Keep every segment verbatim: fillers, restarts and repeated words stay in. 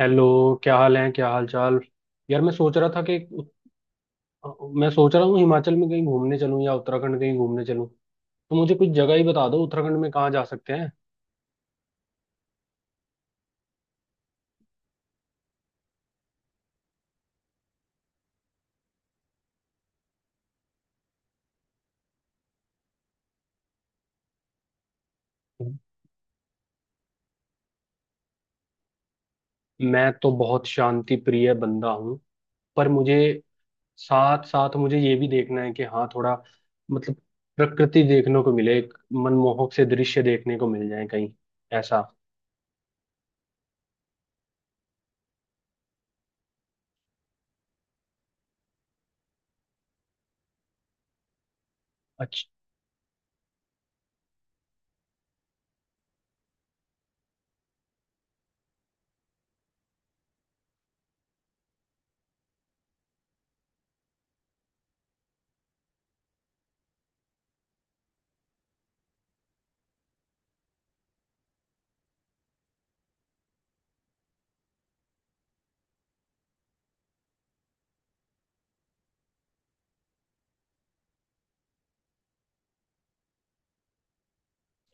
Hello. क्या हाल है, क्या हाल चाल? यार, मैं सोच रहा था कि मैं सोच रहा हूँ हिमाचल में कहीं घूमने चलूँ या उत्तराखंड कहीं घूमने चलूँ। तो मुझे कुछ जगह ही बता दो, उत्तराखंड में कहाँ जा सकते हैं। मैं तो बहुत शांति प्रिय बंदा हूँ, पर मुझे साथ साथ मुझे ये भी देखना है कि हाँ, थोड़ा मतलब प्रकृति देखने को मिले, एक मनमोहक से दृश्य देखने को मिल जाए कहीं ऐसा।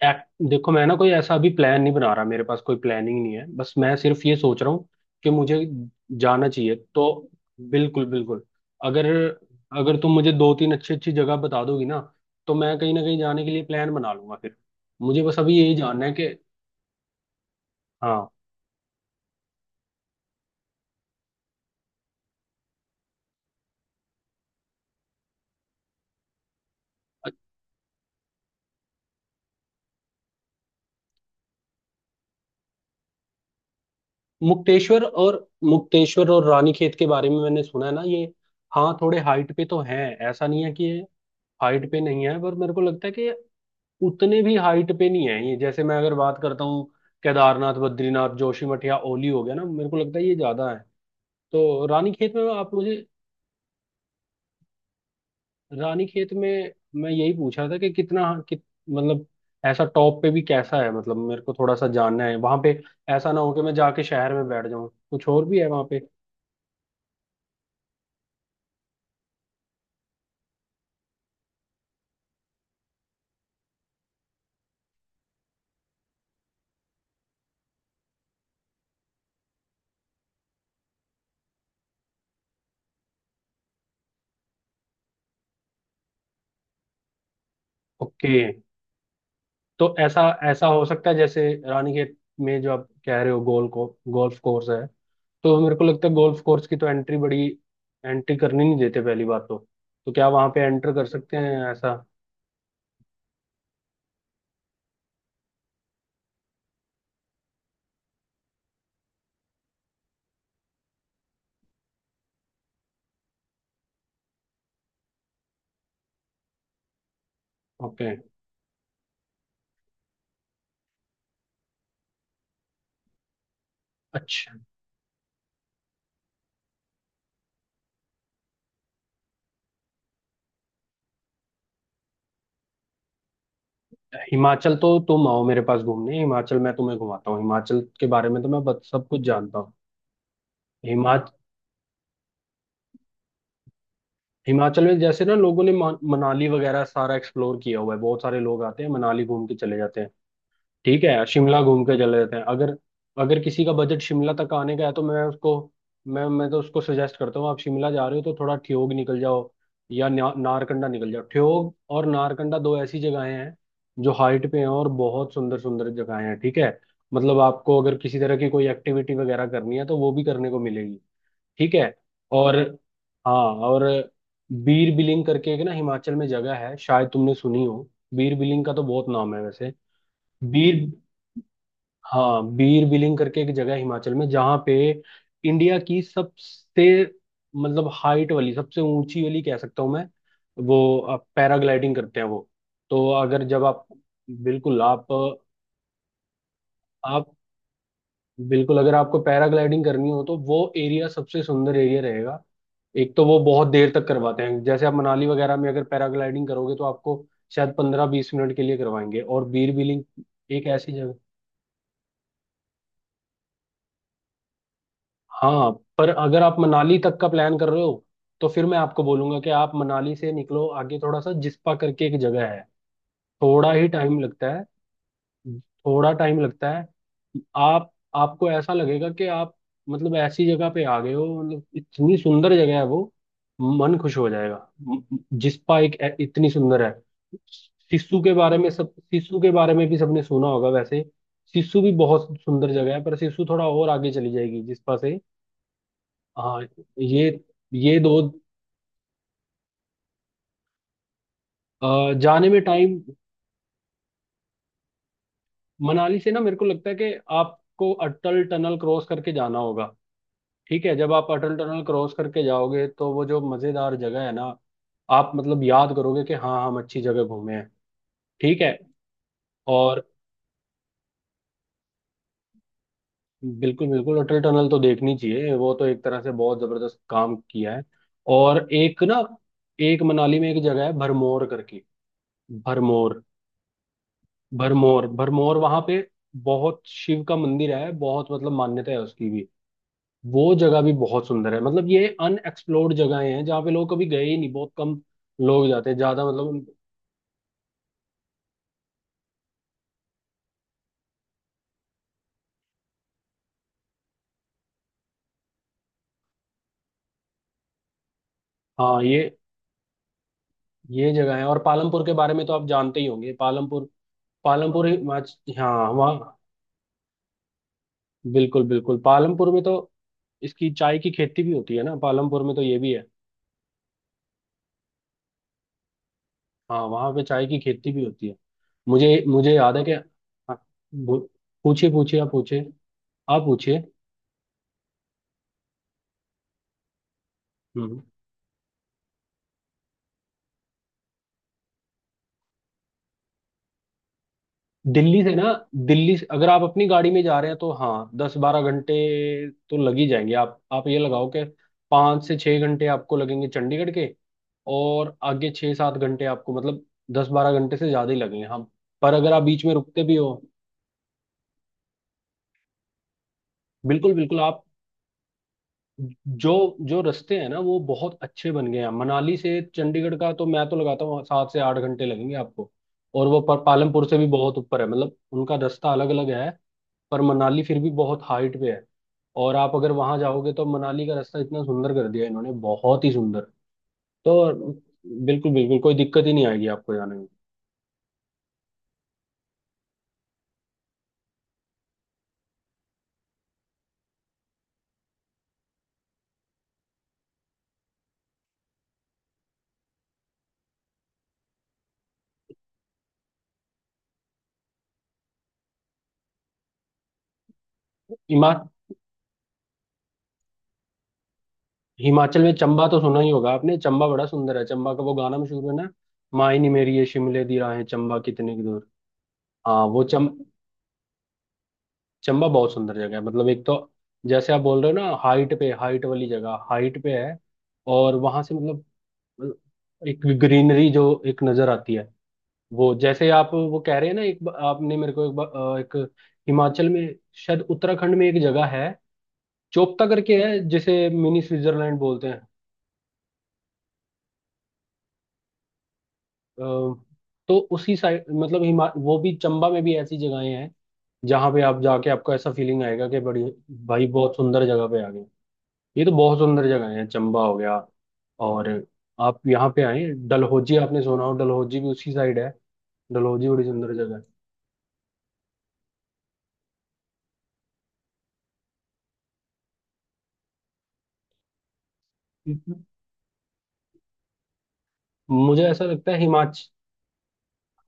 एक- देखो, मैं ना कोई ऐसा अभी प्लान नहीं बना रहा, मेरे पास कोई प्लानिंग नहीं है, बस मैं सिर्फ ये सोच रहा हूँ कि मुझे जाना चाहिए। तो बिल्कुल बिल्कुल, अगर अगर तुम मुझे दो तीन अच्छी अच्छी जगह बता दोगी ना, तो मैं कहीं ना कहीं जाने के लिए प्लान बना लूंगा फिर। मुझे बस अभी यही जानना है कि। हाँ। अ- मुक्तेश्वर और, मुक्तेश्वर और रानीखेत के बारे में मैंने सुना है ना ये। हाँ, थोड़े हाइट पे तो हैं, ऐसा नहीं है कि ये हाइट पे नहीं है, पर मेरे को लगता है कि उतने भी हाइट पे नहीं है ये। जैसे मैं अगर बात करता हूँ केदारनाथ, बद्रीनाथ, जोशीमठ या ओली हो गया ना, मेरे को लगता है ये ज्यादा है। तो रानीखेत में आप मुझे, रानीखेत में मैं यही पूछ रहा था कि कितना, कित, मतलब ऐसा टॉप पे भी कैसा है, मतलब मेरे को थोड़ा सा जानना है वहां पे। ऐसा ना हो कि मैं जाके शहर में बैठ जाऊं, कुछ और भी है वहां पे? ओके। तो ऐसा ऐसा हो सकता है जैसे रानीखेत में जो आप कह रहे हो गोल को गोल्फ कोर्स है, तो मेरे को लगता है गोल्फ कोर्स की तो एंट्री बड़ी, एंट्री करनी नहीं देते पहली बात तो। तो क्या वहां पे एंटर कर सकते हैं ऐसा? ओके। अच्छा, हिमाचल तो तुम आओ मेरे पास घूमने, हिमाचल मैं तुम्हें घुमाता हूँ। हिमाचल के बारे में तो मैं बत, सब कुछ जानता हूँ। हिमाच हिमाचल में जैसे ना लोगों ने मा- मनाली वगैरह सारा एक्सप्लोर किया हुआ है, बहुत सारे लोग आते हैं मनाली घूम के चले जाते हैं, ठीक है, शिमला घूम के चले जाते हैं। अगर अगर किसी का बजट शिमला तक आने का है, तो मैं उसको, मैं मैं तो उसको सजेस्ट करता हूँ आप शिमला जा रहे हो तो थोड़ा ठियोग निकल जाओ या न्या- नारकंडा निकल जाओ। ठियोग और नारकंडा दो ऐसी जगहें हैं जो हाइट पे हैं और बहुत सुंदर सुंदर जगहें हैं, ठीक है। मतलब आपको अगर किसी तरह की कोई एक्टिविटी वगैरह करनी है तो वो भी करने को मिलेगी, ठीक है। और, हाँ, और बीर बिलिंग करके एक ना हिमाचल में जगह है, शायद तुमने सुनी हो, बीर बिलिंग का तो बहुत नाम है वैसे। बीर, हाँ बीर बिलिंग करके एक जगह है हिमाचल में जहाँ पे इंडिया की सबसे, मतलब हाइट वाली सबसे ऊंची वाली कह सकता हूँ मैं, वो, आप पैराग्लाइडिंग करते हैं वो। तो अगर जब आप, बिल्कुल आप आप बिल्कुल अगर आपको पैराग्लाइडिंग करनी हो, तो वो एरिया सबसे सुंदर एरिया रहेगा। एक तो वो बहुत देर तक करवाते हैं, जैसे आप मनाली वगैरह में अगर पैराग्लाइडिंग करोगे तो आपको शायद पंद्रह बीस मिनट के लिए करवाएंगे, और बीर बिलिंग एक ऐसी जगह। हाँ, पर अगर आप मनाली तक का प्लान कर रहे हो, तो फिर मैं आपको बोलूंगा कि आप मनाली से निकलो आगे थोड़ा सा, जिस्पा करके एक जगह है। थोड़ा ही टाइम लगता है, थोड़ा टाइम लगता है। आप आपको ऐसा लगेगा कि आप मतलब ऐसी जगह पे आ गए हो, मतलब इतनी सुंदर जगह है वो, मन खुश हो जाएगा। म- म- जिस्पा एक ए- इतनी सुंदर है। सिस्सू के बारे में सब सिस्सू के बारे में भी सबने सुना होगा वैसे। सिस्सू भी बहुत सुंदर जगह है, पर सिस्सू थोड़ा और आगे चली जाएगी जिस्पा से। हाँ। ये ये दो। अ, जाने में टाइम, मनाली से ना, मेरे को लगता है कि आपको अटल टनल क्रॉस करके जाना होगा, ठीक है। जब आप अटल टनल क्रॉस करके जाओगे तो वो जो मजेदार जगह है ना, आप मतलब याद करोगे कि हाँ हम अच्छी जगह घूमे हैं, ठीक है। और बिल्कुल बिल्कुल अटल टनल तो देखनी चाहिए, वो तो एक तरह से बहुत जबरदस्त काम किया है। और एक ना एक मनाली में एक जगह है भरमौर करके, भरमौर, भरमौर भरमौर वहां पे बहुत शिव का मंदिर है, बहुत मतलब मान्यता है उसकी भी। वो जगह भी बहुत सुंदर है, मतलब ये अनएक्सप्लोर्ड जगहें हैं जहाँ पे लोग कभी गए ही नहीं, बहुत कम लोग जाते हैं, ज्यादा मतलब। हाँ ये ये जगह है। और पालमपुर के बारे में तो आप जानते ही होंगे, पालमपुर, पालमपुर ही- हाँ वहाँ बिल्कुल बिल्कुल। पालमपुर में तो इसकी चाय की खेती भी होती है ना, पालमपुर में तो ये भी है। हाँ, वहां पे चाय की खेती भी होती है। मुझे मुझे याद है कि, हाँ। बो- पूछिए पूछिए, आप पूछिए, आप पूछिए। हम्म। दिल्ली से ना, दिल्ली से अगर आप अपनी गाड़ी में जा रहे हैं तो हाँ, दस बारह घंटे तो लग ही जाएंगे। आप आप ये लगाओ कि पाँच से छः घंटे आपको लगेंगे चंडीगढ़ के, और आगे छः सात घंटे आपको, मतलब दस बारह घंटे से ज़्यादा ही लगेंगे हम। पर अगर आप बीच में रुकते भी हो, बिल्कुल बिल्कुल। आप जो जो रास्ते हैं ना वो बहुत अच्छे बन गए हैं, मनाली से चंडीगढ़ का तो मैं तो लगाता हूँ सात से आठ घंटे लगेंगे आपको। और वो पर पालमपुर से भी बहुत ऊपर है, मतलब उनका रास्ता अलग अलग है। पर मनाली फिर भी बहुत हाइट पे है, और आप अगर वहां जाओगे तो मनाली का रास्ता इतना सुंदर कर दिया इन्होंने, बहुत ही सुंदर। तो बिल्कुल बिल्कुल कोई दिक्कत ही नहीं आएगी आपको जाने में। हिमा हिमाचल में चंबा तो सुना ही होगा आपने, चंबा बड़ा सुंदर है, चंबा का वो गाना मशहूर है ना, माही नी मेरी ये शिमले दी राहें चंबा कितने की दूर। हाँ, वो चम चंबा बहुत सुंदर जगह है, मतलब एक तो जैसे आप बोल रहे हो ना हाइट पे, हाइट वाली जगह हाइट पे है। और वहां से मतलब एक ग्रीनरी जो एक नजर आती है, वो जैसे आप वो कह रहे हैं ना, एक ब- आपने मेरे को एक, ब- अ, एक हिमाचल में, शायद उत्तराखंड में एक जगह है चोपता करके है, जिसे मिनी स्विट्जरलैंड बोलते हैं। अ, तो उसी साइड, मतलब हिमा वो भी चंबा में भी ऐसी जगहें हैं जहाँ पे आप जाके आपको ऐसा फीलिंग आएगा कि बड़ी भाई बहुत सुंदर जगह पे आ गए। ये तो बहुत सुंदर जगह है, चंबा हो गया। और आप यहाँ पे आए डलहौजी, आपने सुना हो डलहौजी भी उसी साइड है, डलहौजी बड़ी सुंदर जगह है। मुझे ऐसा लगता है हिमाचल,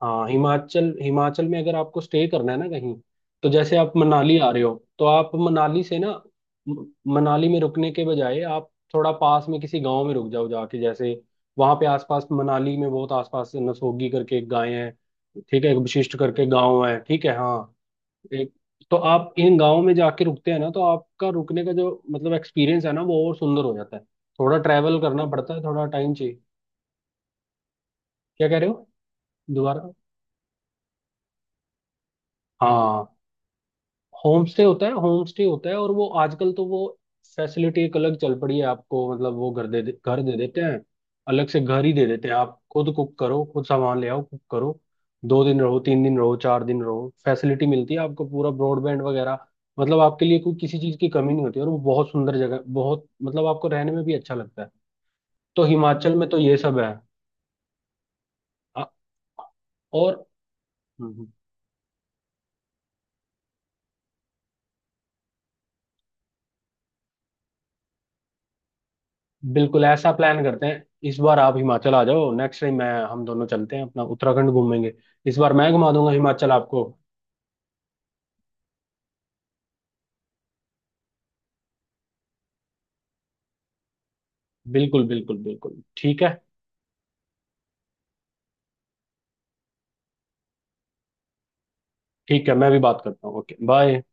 हाँ, हिमाचल हिमाचल में अगर आपको स्टे करना है ना कहीं, तो जैसे आप मनाली आ रहे हो तो आप मनाली से ना, म- मनाली में रुकने के बजाय आप थोड़ा पास में किसी गांव में रुक जाओ जाके। जैसे वहां पे आसपास, मनाली में बहुत आसपास नसोगी करके एक गाय है, ठीक है, एक वशिष्ठ करके गांव है, ठीक है, हाँ, एक। तो आप इन गाँव में जाके रुकते हैं ना, तो आपका रुकने का जो मतलब एक्सपीरियंस है ना वो और सुंदर हो जाता है। थोड़ा ट्रैवल करना पड़ता है, थोड़ा टाइम चाहिए। क्या कह रहे हो? दोबारा। हाँ, होम स्टे होता है, होम स्टे होता है। और वो आजकल तो वो फैसिलिटी एक अलग चल पड़ी है आपको, मतलब वो घर दे दे घर दे देते हैं, अलग से घर ही दे देते हैं। आप खुद कुक करो, खुद सामान ले आओ कुक करो, दो दिन रहो, तीन दिन रहो, चार दिन रहो, फैसिलिटी मिलती है आपको पूरा ब्रॉडबैंड वगैरह। मतलब आपके लिए कोई किसी चीज़ की कमी नहीं होती, और वो बहुत सुंदर जगह, बहुत मतलब आपको रहने में भी अच्छा लगता है। तो हिमाचल में तो ये सब है। अ- और बिल्कुल ऐसा प्लान करते हैं, इस बार आप हिमाचल आ जाओ, नेक्स्ट टाइम मैं, हम दोनों चलते हैं अपना उत्तराखंड घूमेंगे। इस बार मैं घुमा दूंगा हिमाचल आपको। बिल्कुल बिल्कुल बिल्कुल ठीक है। ठीक है, मैं भी बात करता हूँ, ओके बाय।